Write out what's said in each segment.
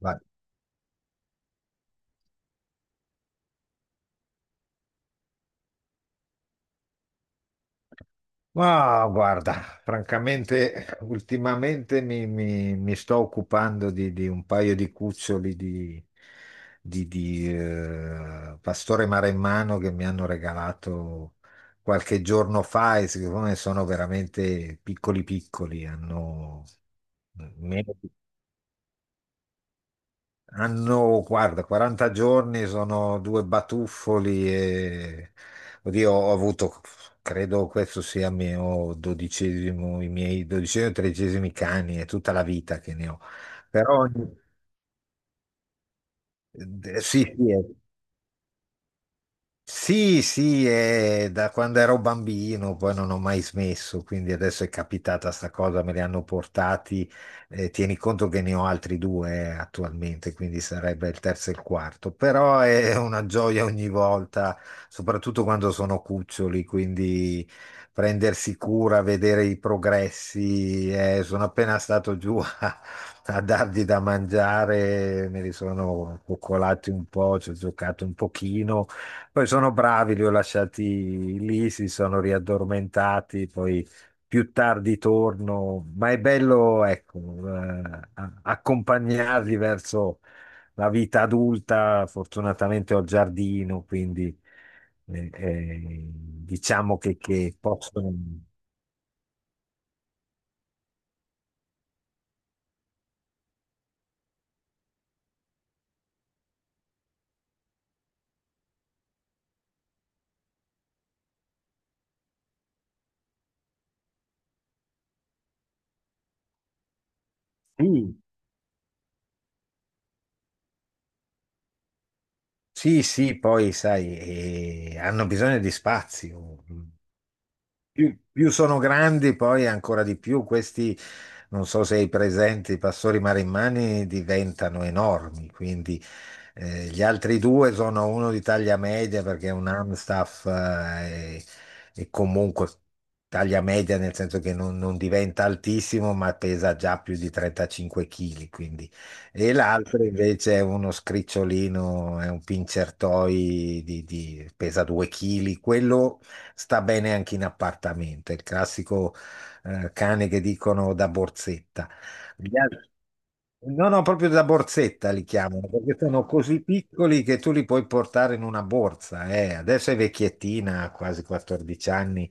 Vai. Ma guarda, francamente, ultimamente mi sto occupando di un paio di cuccioli di pastore maremmano che mi hanno regalato qualche giorno fa, e siccome sono veramente piccoli piccoli, meno Hanno, guarda, 40 giorni, sono due batuffoli e, oddio, ho avuto, credo questo sia il mio 12°, i miei dodicesimi o tredicesimi cani, è tutta la vita che ne ho. Però ogni- sì, sì. Sì, sì, è da quando ero bambino, poi non ho mai smesso, quindi adesso è capitata sta cosa, me li hanno portati. Tieni conto che ne ho altri due attualmente, quindi sarebbe il terzo e il quarto, però è una gioia ogni volta, soprattutto quando sono cuccioli, quindi prendersi cura, vedere i progressi. Sono appena stato giù a dargli da mangiare, me li sono coccolati un po', ci ho giocato un pochino. Poi sono bravi, li ho lasciati lì, si sono riaddormentati, poi più tardi torno, ma è bello, ecco, eh, accompagnarli verso la vita adulta. Fortunatamente ho il giardino, quindi diciamo che possono. Sì, sì, sì, poi sai, hanno bisogno di spazio. Più sono grandi, poi ancora di più, questi, non so se hai presente, i pastori marimmani diventano enormi, quindi gli altri due sono uno di taglia media perché è un Amstaff, e comunque taglia media nel senso che non diventa altissimo ma pesa già più di 35 kg, quindi. E l'altro invece è uno scricciolino, è un pincertoi pesa 2 kg, quello sta bene anche in appartamento, è il classico cane che dicono da borsetta. Gli altri- No, no, proprio da borsetta li chiamano, perché sono così piccoli che tu li puoi portare in una borsa. Adesso è vecchiettina, ha quasi 14 anni,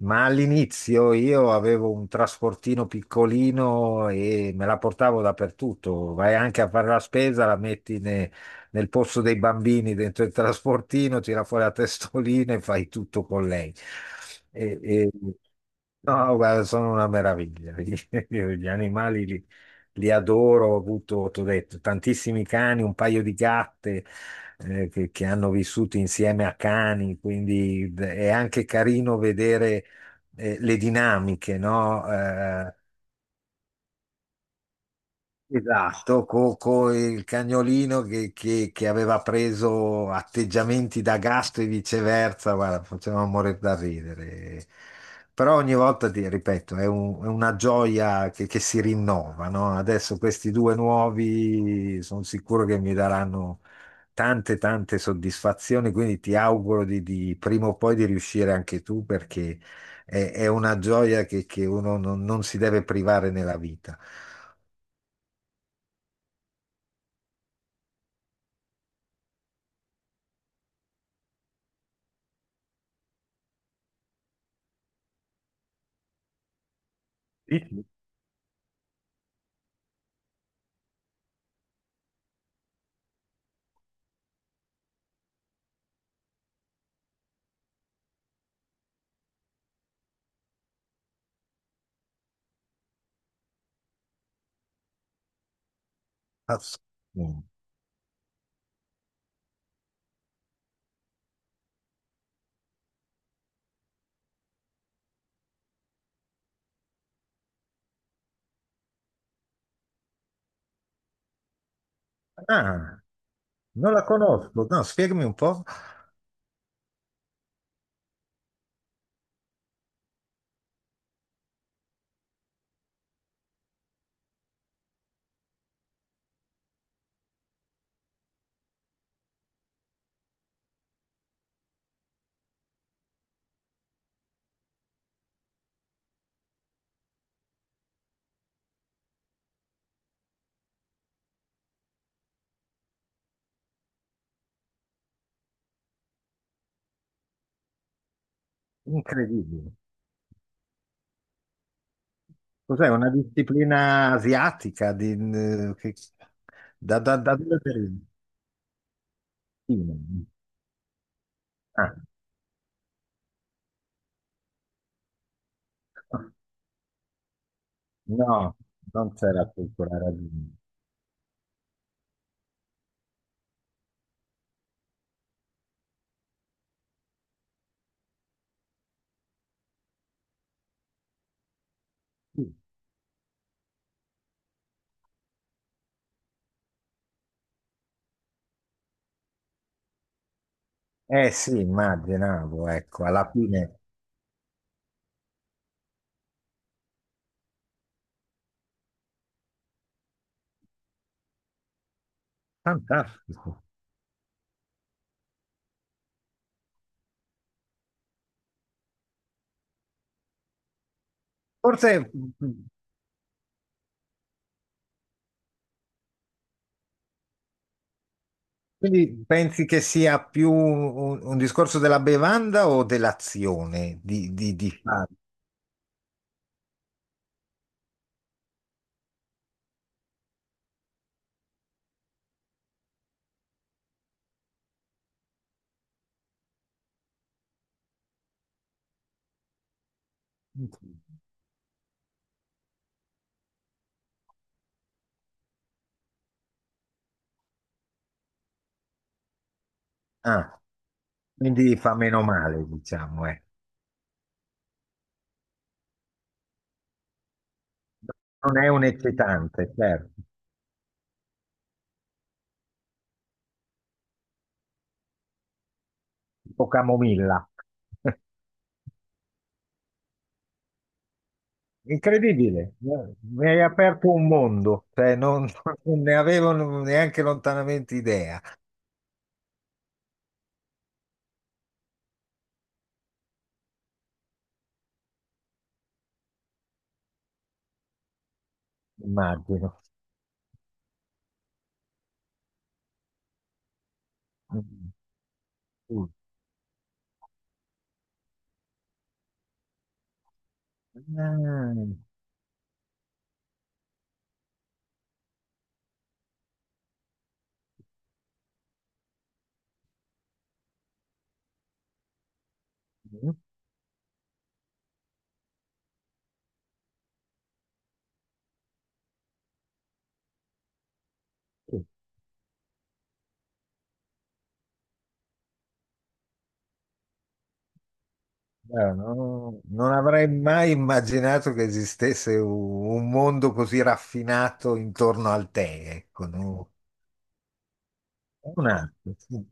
ma all'inizio io avevo un trasportino piccolino e me la portavo dappertutto. Vai anche a fare la spesa, la metti nel posto dei bambini dentro il trasportino, tira fuori la testolina e fai tutto con lei. E- e- No, guarda, sono una meraviglia. Io gli animali li adoro, ho avuto, ti ho detto, tantissimi cani, un paio di gatte che hanno vissuto insieme a cani, quindi è anche carino vedere le dinamiche, no? Esatto, con il cagnolino che aveva preso atteggiamenti da gasto e viceversa, guarda, faceva morire da ridere. Però ogni volta, ti ripeto, è una gioia che si rinnova, no? Adesso questi due nuovi sono sicuro che mi daranno tante, tante soddisfazioni, quindi ti auguro prima o poi di riuscire anche tu, perché è una gioia che uno non si deve privare nella vita. Ass- mm. Ah, non la conosco. No, spiegami un po'. Incredibile. Cos'è una disciplina asiatica da dove deriva? Cina. Ah, no, non c'è la cultura rabbina. Eh sì, immaginavo, ecco, alla fine. Fantastico. Forse quindi pensi che sia più un discorso della bevanda o dell'azione di fare? Ah. Quindi fa meno male, diciamo. Non è un eccitante, certo, tipo camomilla. Incredibile, mi hai aperto un mondo, cioè, non, non ne avevo neanche lontanamente idea, immagino. Mm. Sì. Ah, ok. No, non avrei mai immaginato che esistesse un mondo così raffinato intorno al tè, ecco, no? È un altro, sì.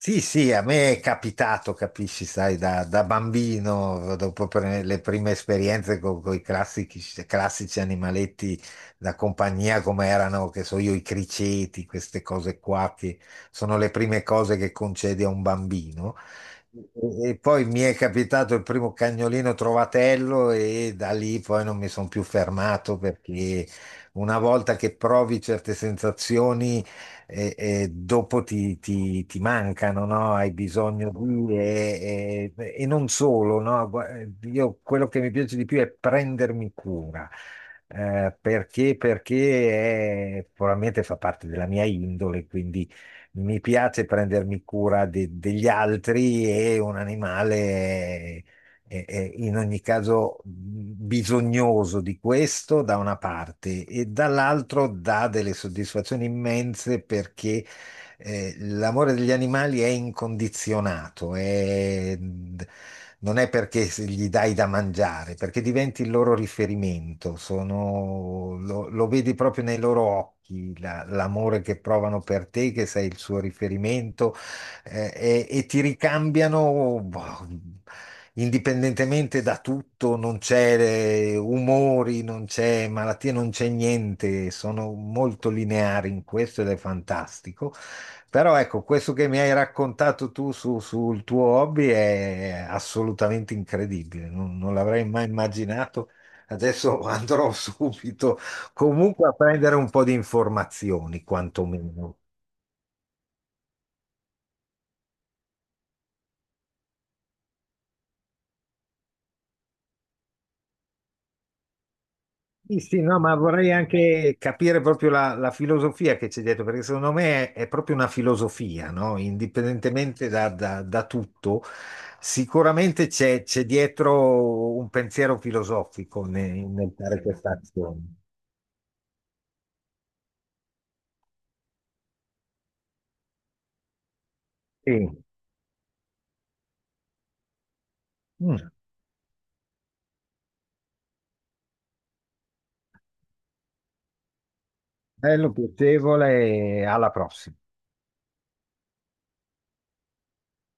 Sì, sì, a me è capitato, capisci, sai, da bambino, dopo le prime esperienze con i classici, classici animaletti da compagnia, come erano, che so io, i criceti, queste cose qua, che sono le prime cose che concedi a un bambino. E poi mi è capitato il primo cagnolino trovatello e da lì poi non mi sono più fermato, perché una volta che provi certe sensazioni e dopo ti mancano, no? Hai bisogno di. E non solo, no? Io quello che mi piace di più è prendermi cura. Perché? Perché probabilmente fa parte della mia indole, quindi mi piace prendermi cura degli altri e un animale in ogni caso bisognoso di questo da una parte, e dall'altro dà delle soddisfazioni immense, perché l'amore degli animali è incondizionato. Non è perché se gli dai da mangiare, perché diventi il loro riferimento, lo vedi proprio nei loro occhi. L'amore che provano per te, che sei il suo riferimento, e ti ricambiano, boh, indipendentemente da tutto, non c'è umori, non c'è malattie, non c'è niente, sono molto lineari in questo ed è fantastico. Però ecco, questo che mi hai raccontato tu sul tuo hobby è assolutamente incredibile, non l'avrei mai immaginato. Adesso andrò subito comunque a prendere un po' di informazioni, quantomeno. Sì, sì, no, ma vorrei anche capire proprio la filosofia che c'è dietro, perché secondo me è proprio una filosofia, no? Indipendentemente da tutto, sicuramente c'è dietro un pensiero filosofico nel fare questa azione. Sì. Mm. Bello, piacevole e alla prossima.